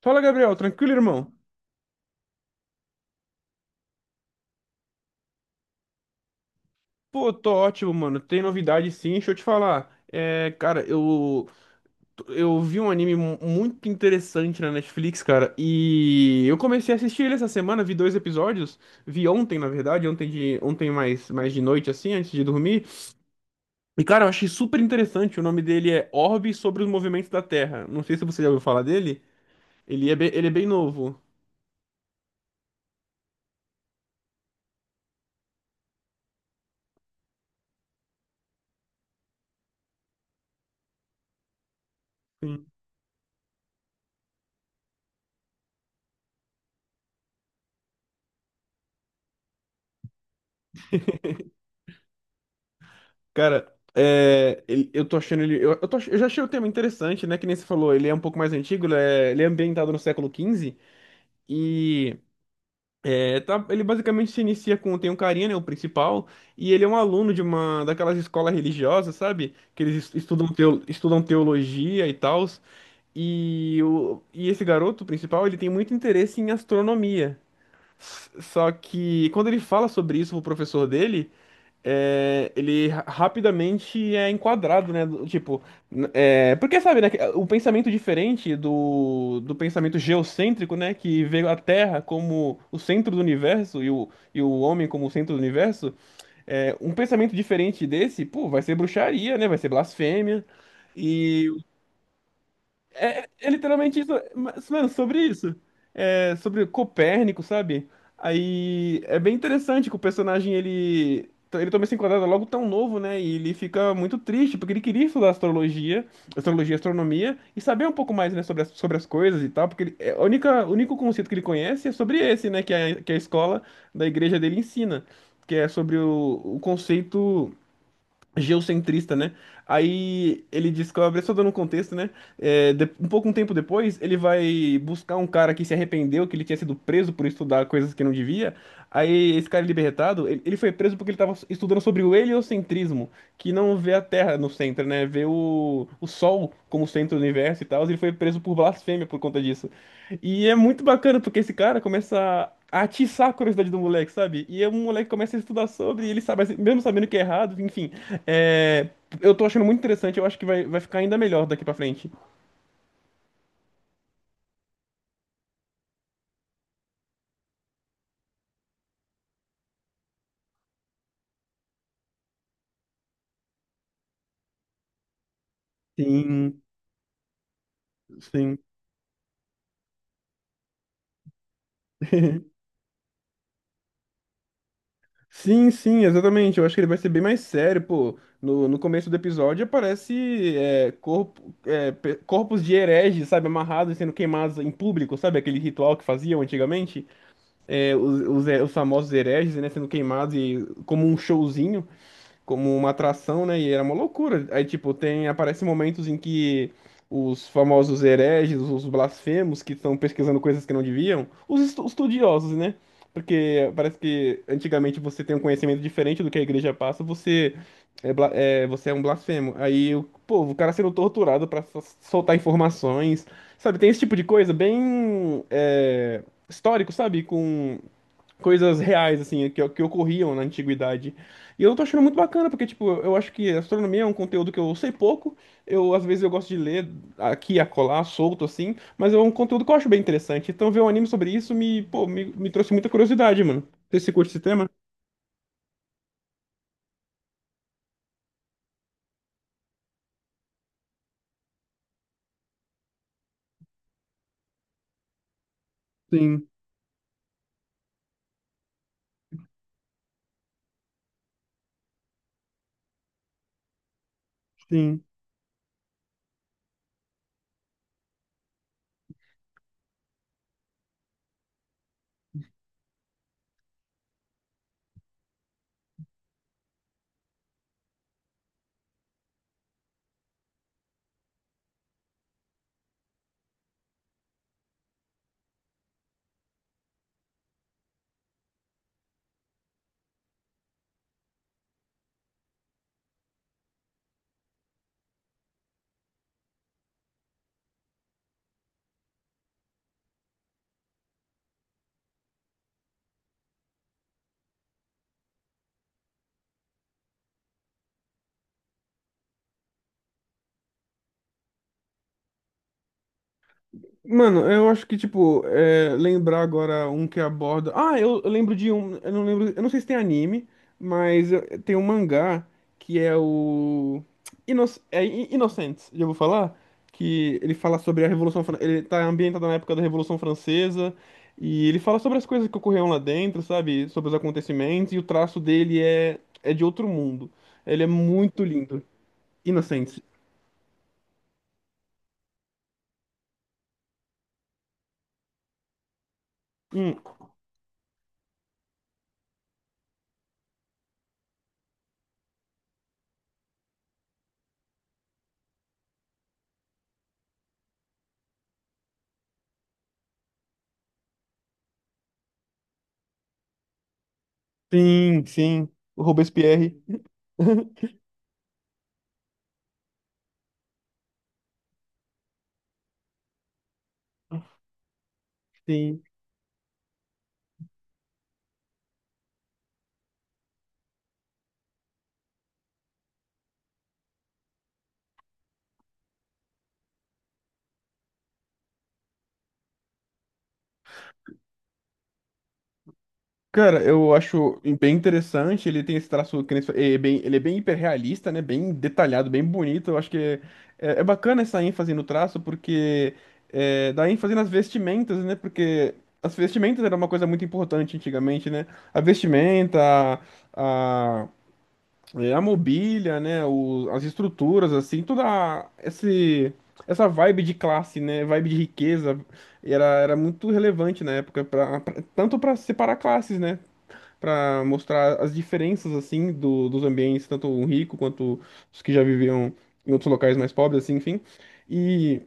Fala, Gabriel, tranquilo, irmão? Pô, tô ótimo, mano. Tem novidade sim, deixa eu te falar. Eu vi um anime muito interessante na Netflix, cara, e eu comecei a assistir ele essa semana, vi dois episódios, vi ontem, na verdade, ontem mais de noite, assim, antes de dormir. E, cara, eu achei super interessante. O nome dele é Orbe sobre os Movimentos da Terra. Não sei se você já ouviu falar dele. Ele é bem novo. Eu tô achando ele. Eu já achei o tema interessante, né? Que nem você falou, ele é um pouco mais antigo, ele é ambientado no século XV. E Ele basicamente se inicia com. Tem um carinha, né? O principal. E ele é um aluno de uma daquelas escolas religiosas, sabe? Que estudam, estudam teologia e tal. E esse garoto principal, ele tem muito interesse em astronomia. Só que quando ele fala sobre isso pro professor dele é, rapidamente é enquadrado, né? Tipo, é, porque sabe, né? Que o pensamento diferente do pensamento geocêntrico, né? Que vê a Terra como o centro do universo e o homem como o centro do universo. É, um pensamento diferente desse, pô, vai ser bruxaria, né? Vai ser blasfêmia. É, é literalmente isso. Mas, mano, sobre isso. É, sobre Copérnico, sabe? Aí é bem interessante que o personagem ele. Ele toma esse enquadrado logo tão novo, né? E ele fica muito triste, porque ele queria estudar astronomia, e saber um pouco mais, né, sobre as coisas e tal, porque ele, é, o único conceito que ele conhece é sobre esse, né, que a escola da igreja dele ensina, que é sobre o conceito geocentrista, né? Aí ele descobre, só dando um contexto, né? Um pouco um tempo depois, ele vai buscar um cara que se arrependeu, que ele tinha sido preso por estudar coisas que não devia. Aí esse cara libertado, ele foi preso porque ele estava estudando sobre o heliocentrismo, que não vê a Terra no centro, né? Vê o Sol como centro do universo e tal. Ele foi preso por blasfêmia por conta disso. E é muito bacana porque esse cara começa a atiçar a curiosidade do moleque, sabe? E o moleque começa a estudar sobre, e ele sabe, mesmo sabendo que é errado, enfim. É, eu tô achando muito interessante, eu acho que vai ficar ainda melhor daqui pra frente. Sim, sim. Sim, sim, exatamente. Eu acho que ele vai ser bem mais sério, pô. No começo do episódio aparece é, corpos de hereges, sabe, amarrados e sendo queimados em público, sabe? Aquele ritual que faziam antigamente. É, os famosos hereges, né, sendo queimados e, como um showzinho. Como uma atração, né? E era uma loucura. Aí, tipo, tem, aparecem momentos em que os famosos hereges, os blasfemos que estão pesquisando coisas que não deviam, estudiosos, né? Porque parece que antigamente você tem um conhecimento diferente do que a igreja passa, você é, você é um blasfemo. Pô, o cara sendo torturado pra soltar informações, sabe? Tem esse tipo de coisa bem é, histórico, sabe? Com coisas reais, assim, que ocorriam na antiguidade. E eu tô achando muito bacana, porque, tipo, eu acho que astronomia é um conteúdo que eu sei pouco, eu, às vezes, eu gosto de ler aqui, acolá, solto, assim, mas é um conteúdo que eu acho bem interessante. Então, ver um anime sobre isso me trouxe muita curiosidade, mano. Você curte esse tema? Sim, sim. Mano, eu acho que, tipo, é, lembrar agora um que aborda. Eu lembro de um. Eu não lembro. Eu não sei se tem anime, mas tem um mangá que é o. Ino... Inocentes, já vou falar. Que ele fala sobre a Revolução Fran- Ele tá ambientado na época da Revolução Francesa. E ele fala sobre as coisas que ocorreram lá dentro, sabe? Sobre os acontecimentos. E o traço dele é de outro mundo. Ele é muito lindo. Inocentes. Hum, sim, sim. O Robespierre. Sim. Cara, eu acho bem interessante, ele tem esse traço, que nem você- é bem, ele é bem hiperrealista, né? Bem detalhado, bem bonito. Eu acho que é bacana essa ênfase no traço, porque é, dá ênfase nas vestimentas, né? Porque as vestimentas era uma coisa muito importante antigamente, né? A vestimenta, a, é, a mobília, né? O- as estruturas, assim, essa vibe de classe, né? Vibe de riqueza, era muito relevante na época, tanto para separar classes, né? Para mostrar as diferenças assim dos ambientes, tanto o rico quanto os que já viviam em outros locais mais pobres, assim, enfim. E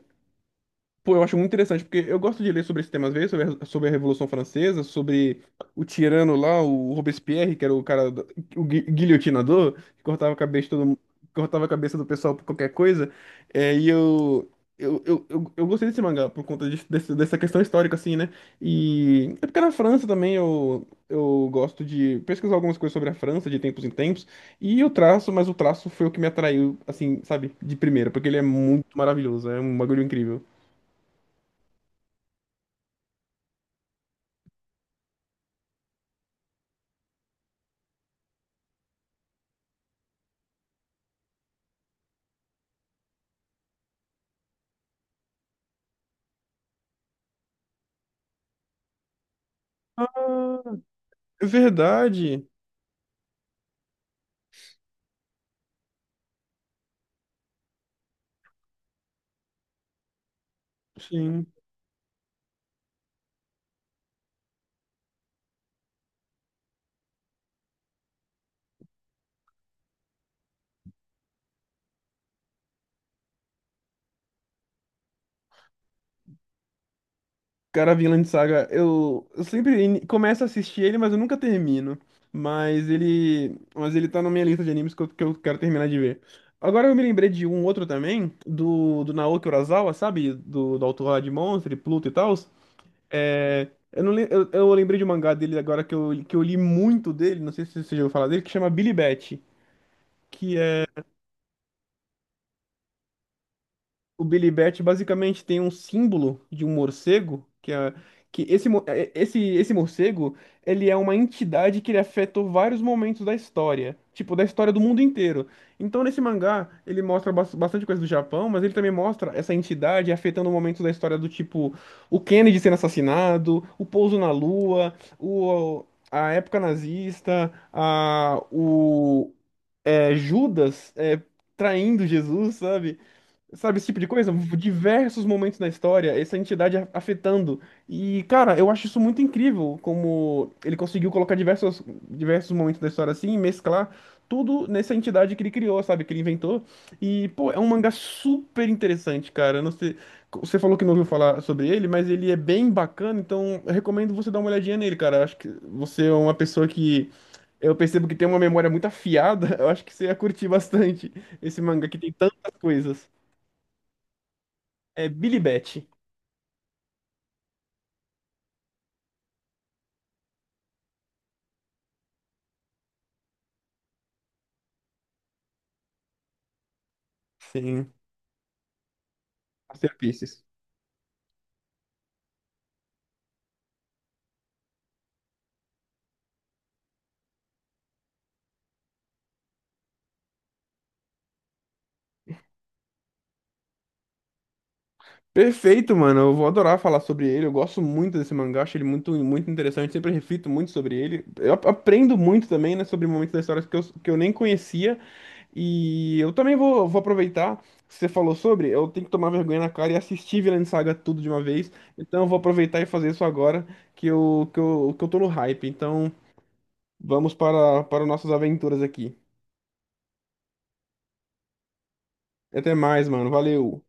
pô, eu acho muito interessante, porque eu gosto de ler sobre esse tema às vezes, sobre a Revolução Francesa, sobre o tirano lá, o Robespierre, que era o cara, guilhotinador, que cortava a cabeça de cortava a cabeça do pessoal por qualquer coisa. É, eu gostei desse mangá por conta dessa questão histórica, assim, né? E é porque na França também eu gosto de pesquisar algumas coisas sobre a França de tempos em tempos, e o traço, mas o traço foi o que me atraiu, assim, sabe, de primeira, porque ele é muito maravilhoso, é um bagulho incrível. É verdade. Sim. Cara, Vinland Saga, começo a assistir ele, mas eu nunca termino. Mas ele tá na minha lista de animes que eu quero terminar de ver. Agora eu me lembrei de um outro também, do Naoki Urasawa, sabe? Do autor lá de Monster, e Pluto e tal. É, eu, não, lem- Eu lembrei de um mangá dele agora que eu li muito dele, não sei se você já ouviu falar dele, que chama Billy Bat, que é o Billy Bat. Basicamente tem um símbolo de um morcego, que é que esse, mo- é- esse morcego, ele é uma entidade que ele afetou vários momentos da história, tipo, da história do mundo inteiro. Então, nesse mangá, ele mostra bastante coisa do Japão, mas ele também mostra essa entidade afetando momentos da história do tipo, o Kennedy sendo assassinado, o pouso na Lua, a época nazista, Judas é, traindo Jesus, sabe? Sabe, esse tipo de coisa? Diversos momentos na história, essa entidade afetando. E, cara, eu acho isso muito incrível, como ele conseguiu colocar diversos momentos da história assim, e mesclar tudo nessa entidade que ele criou, sabe? Que ele inventou. E, pô, é um mangá super interessante, cara. Eu não sei, você falou que não ouviu falar sobre ele, mas ele é bem bacana, então eu recomendo você dar uma olhadinha nele, cara. Eu acho que você é uma pessoa que. Eu percebo que tem uma memória muito afiada, eu acho que você ia curtir bastante esse mangá que tem tantas coisas. É Billy Bat. Sim. Masterpieces. Perfeito, mano. Eu vou adorar falar sobre ele. Eu gosto muito desse mangá, acho ele muito, muito interessante. Sempre reflito muito sobre ele. Aprendo muito também, né, sobre momentos da história que eu nem conhecia. E eu também vou aproveitar que você falou sobre. Eu tenho que tomar vergonha na cara e assistir Vinland Saga tudo de uma vez. Então eu vou aproveitar e fazer isso agora que eu tô no hype. Então vamos para nossas aventuras aqui. Até mais, mano. Valeu.